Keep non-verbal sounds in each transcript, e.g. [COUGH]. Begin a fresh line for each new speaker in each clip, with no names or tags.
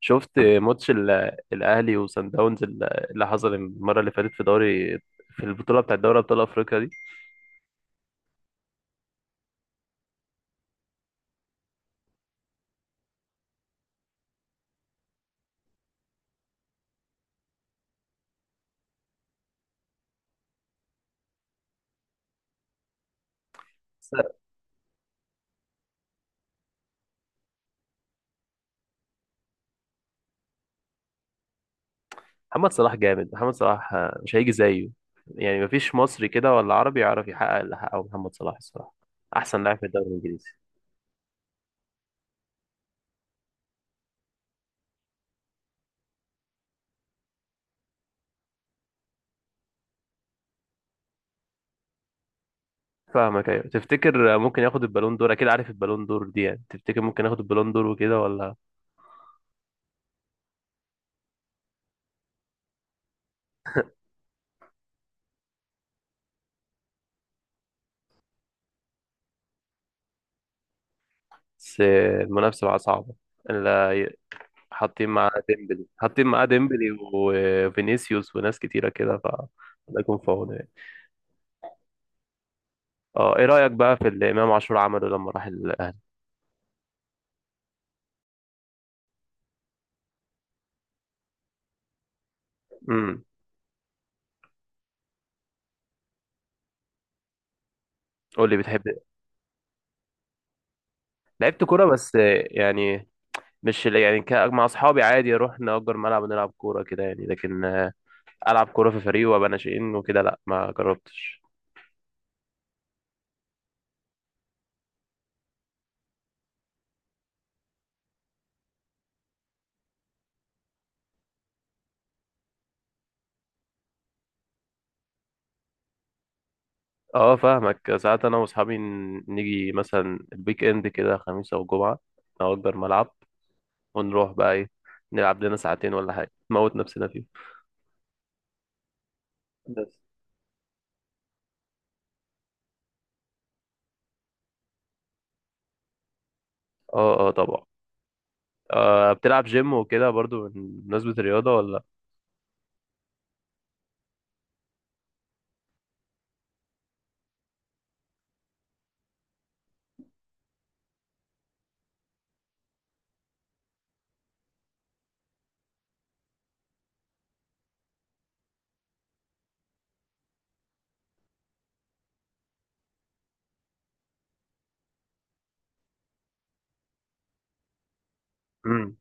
شفت ماتش الاهلي وصن داونز اللي حصل المره اللي فاتت في البطوله بتاعت دوري ابطال افريقيا دي، بس. محمد صلاح جامد. محمد صلاح مش هيجي زيه، يعني مفيش مصري كده ولا عربي يعرف يحقق اللي حققه محمد صلاح. الصراحه احسن لاعب في الدوري الانجليزي. فاهمك، ايوه. تفتكر ممكن ياخد البالون دور؟ اكيد عارف البالون دور دي. يعني تفتكر ممكن ياخد البالون دور وكده ولا؟ بس المنافسه بقى صعبه، حاطين معاه ديمبلي وفينيسيوس وناس كتيرة كده. الله يكون في عونه يعني. اه، ايه رأيك بقى في اللي امام عاشور عمله لما راح الاهلي؟ امم قول لي، بتحب. لعبت كورة، بس يعني مش يعني مع اصحابي، عادي اروح نأجر ملعب ونلعب كورة كده يعني، لكن العب كورة في فريق وابقى ناشئين وكده، لا ما جربتش. اه، فاهمك. ساعات انا واصحابي نيجي مثلا الويك اند كده، خميس او جمعة، نأجر ملعب ونروح بقى ايه، نلعب لنا ساعتين ولا حاجة، نموت نفسنا فيه. بس. اه اه، طبعا. بتلعب جيم وكده برضو، بمناسبة الرياضة، ولا؟ امم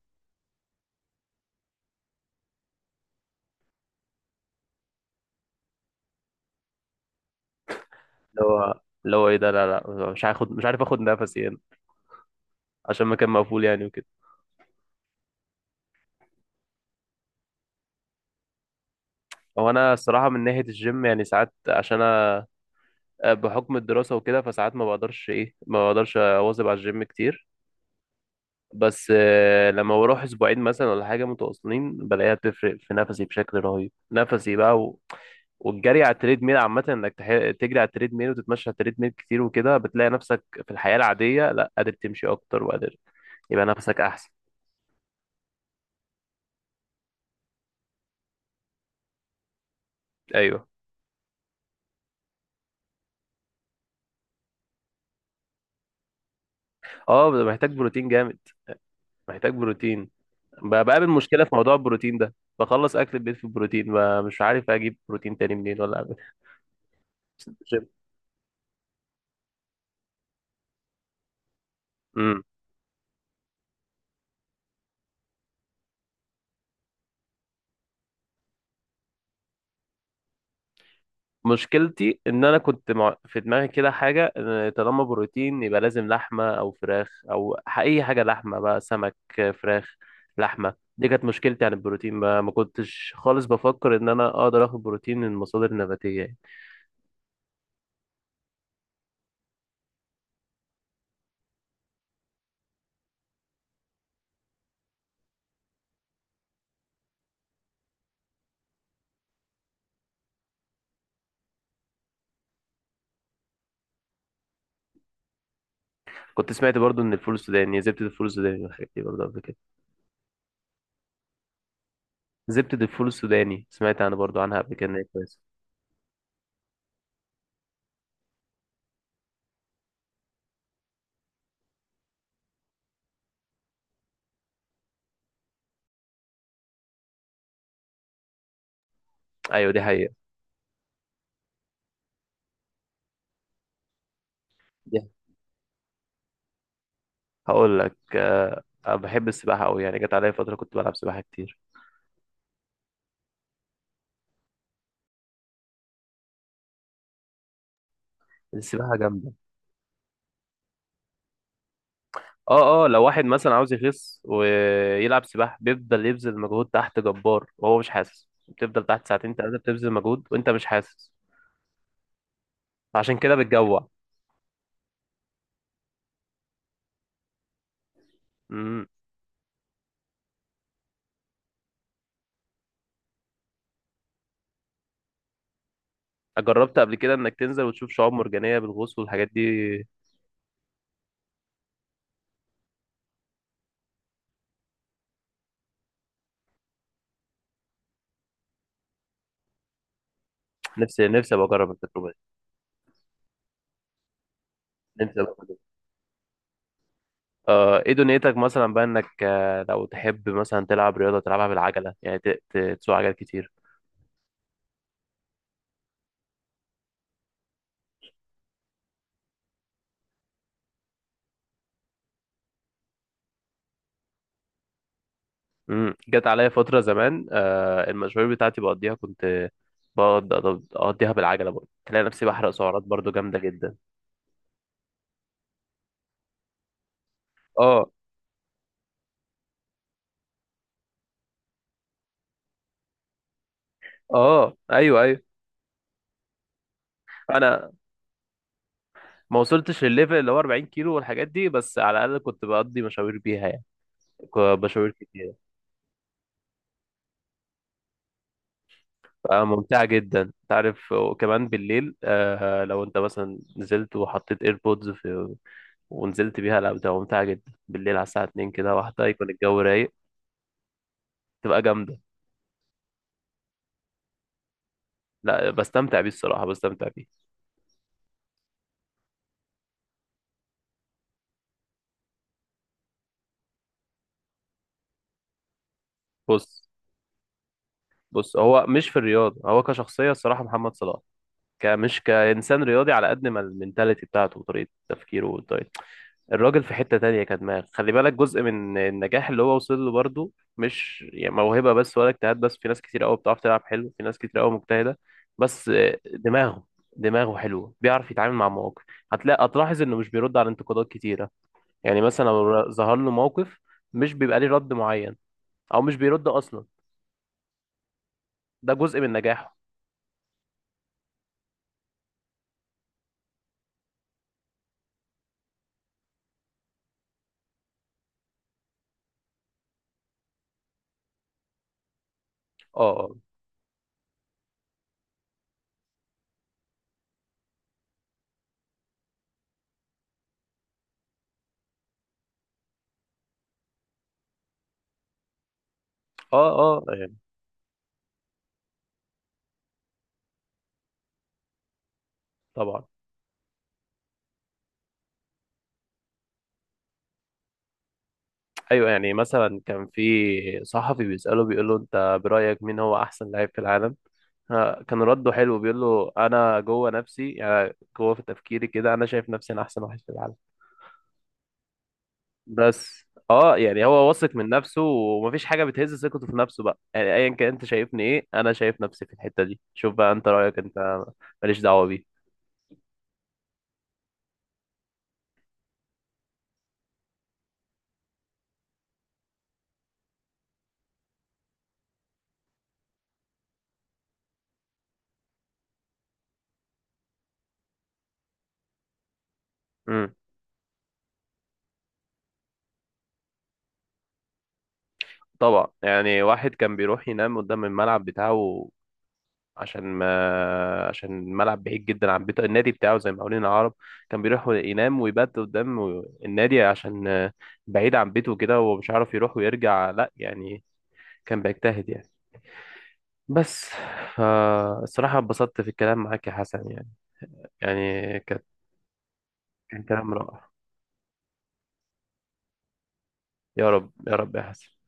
اللي هو اللي هو ايه ده؟ لا لا، مش عارف اخد نفسي هنا، عشان مكان مقفول يعني وكده. هو انا الصراحة من ناحية الجيم يعني ساعات، عشان انا بحكم الدراسة وكده، فساعات ما بقدرش اواظب على الجيم كتير. بس لما بروح اسبوعين مثلا ولا حاجه متواصلين، بلاقيها بتفرق في نفسي بشكل رهيب، نفسي بقى والجري على التريد ميل عامه، انك تجري على التريد ميل وتتمشى على التريد ميل كتير وكده، بتلاقي نفسك في الحياه العاديه لا قادر تمشي اكتر، وقادر، يبقى نفسك احسن. ايوه. اه، محتاج بروتين جامد. محتاج بروتين بقابل مشكله في موضوع البروتين ده. بخلص اكل البيت في البروتين، مش عارف اجيب بروتين تاني منين ولا اعمل. [LAUGHS] جيم. مشكلتي ان انا في دماغي كده حاجه، إن طالما بروتين يبقى لازم لحمه او فراخ او اي حاجه لحمه بقى، سمك، فراخ، لحمه. دي كانت مشكلتي عن البروتين بقى، ما كنتش خالص بفكر ان انا اقدر اخد بروتين من مصادر نباتيه يعني. كنت سمعت برضو ان الفول السوداني زبده الفول السوداني والحاجات دي برضو قبل كده. زبده الفول السوداني سمعت انا برضو عنها قبل كده ان هي كويسه. ايوه، دي حقيقه. دي، هقول لك، أنا بحب السباحه قوي يعني، جت عليا فتره كنت بلعب سباحه كتير. السباحه جامده. اه اه، لو واحد مثلا عاوز يخس ويلعب سباحة، بيفضل يبذل مجهود تحت جبار وهو مش حاسس، بتفضل تحت ساعتين ثلاثة بتبذل مجهود وانت مش حاسس. عشان كده بتجوع. امم جربت قبل كده انك تنزل وتشوف شعاب مرجانية بالغوص والحاجات دي؟ نفسي ابقى اجرب التجربة دي. نفسي ابقى أجرب. ايه دنيتك مثلا بقى انك لو تحب مثلا تلعب رياضة تلعبها بالعجلة يعني، تسوق عجل كتير؟ جت عليا فترة زمان المشاوير بتاعتي بقضيها، كنت بقعد أقضيها بالعجلة برضه، تلاقي نفسي بحرق سعرات برضه جامدة جدا. اه اه، ايوه ايوه. انا ما وصلتش للليفل اللي هو 40 كيلو والحاجات دي، بس على الاقل كنت بقضي مشاوير بيها يعني، مشاوير كتير. فممتعة جدا انت عارف. وكمان بالليل لو انت مثلا نزلت وحطيت ايربودز ونزلت بيها، لا بتبقى ممتعة جدا بالليل على الساعة 2 كده واحدة، يكون الجو رايق، تبقى جامدة. لا بستمتع بيه الصراحة، بستمتع بيه. بص بص، هو مش في الرياضة، هو كشخصية الصراحة محمد صلاح. مش كإنسان رياضي، على قد ما المنتاليتي بتاعته وطريقة تفكيره والطريقة، الراجل في حتة تانية كدماغ. خلي بالك جزء من النجاح اللي هو وصل له برضه، مش يعني موهبة بس ولا اجتهاد بس. في ناس كتير قوي بتعرف تلعب حلو، في ناس كتير قوي مجتهدة بس. دماغه دماغه حلوة، بيعرف يتعامل مع مواقف. هتلاحظ انه مش بيرد على انتقادات كتيرة. يعني مثلا لو ظهر له موقف، مش بيبقى ليه رد معين، او مش بيرد اصلا. ده جزء من نجاحه. اه، آه. اه اه، يعني. طبعا. ايوه، يعني مثلا كان في صحفي بيسأله، بيقول له انت برأيك مين هو احسن لاعب في العالم. كان رده حلو، بيقول له انا جوه نفسي يعني، جوه في تفكيري كده انا شايف نفسي انا احسن واحد في العالم. بس اه، يعني هو واثق من نفسه ومفيش حاجة بتهز ثقته في نفسه بقى. يعني ايا كان انت شايفني ايه، انا شايف نفسي في الحتة دي. شوف بقى انت رأيك انت، ماليش دعوة بيه. امم طبعا. يعني واحد كان بيروح ينام قدام الملعب بتاعه، عشان ما عشان الملعب بعيد جدا عن بيته، النادي بتاعه زي ما قولنا. العرب كان بيروح ينام ويبات قدام النادي عشان بعيد عن بيته كده ومش عارف يروح ويرجع لا يعني. كان بيجتهد يعني. بس. فالصراحة اتبسطت في الكلام معاك يا حسن يعني كانت كان كلام رائع. يا رب، يا رب يا حسن.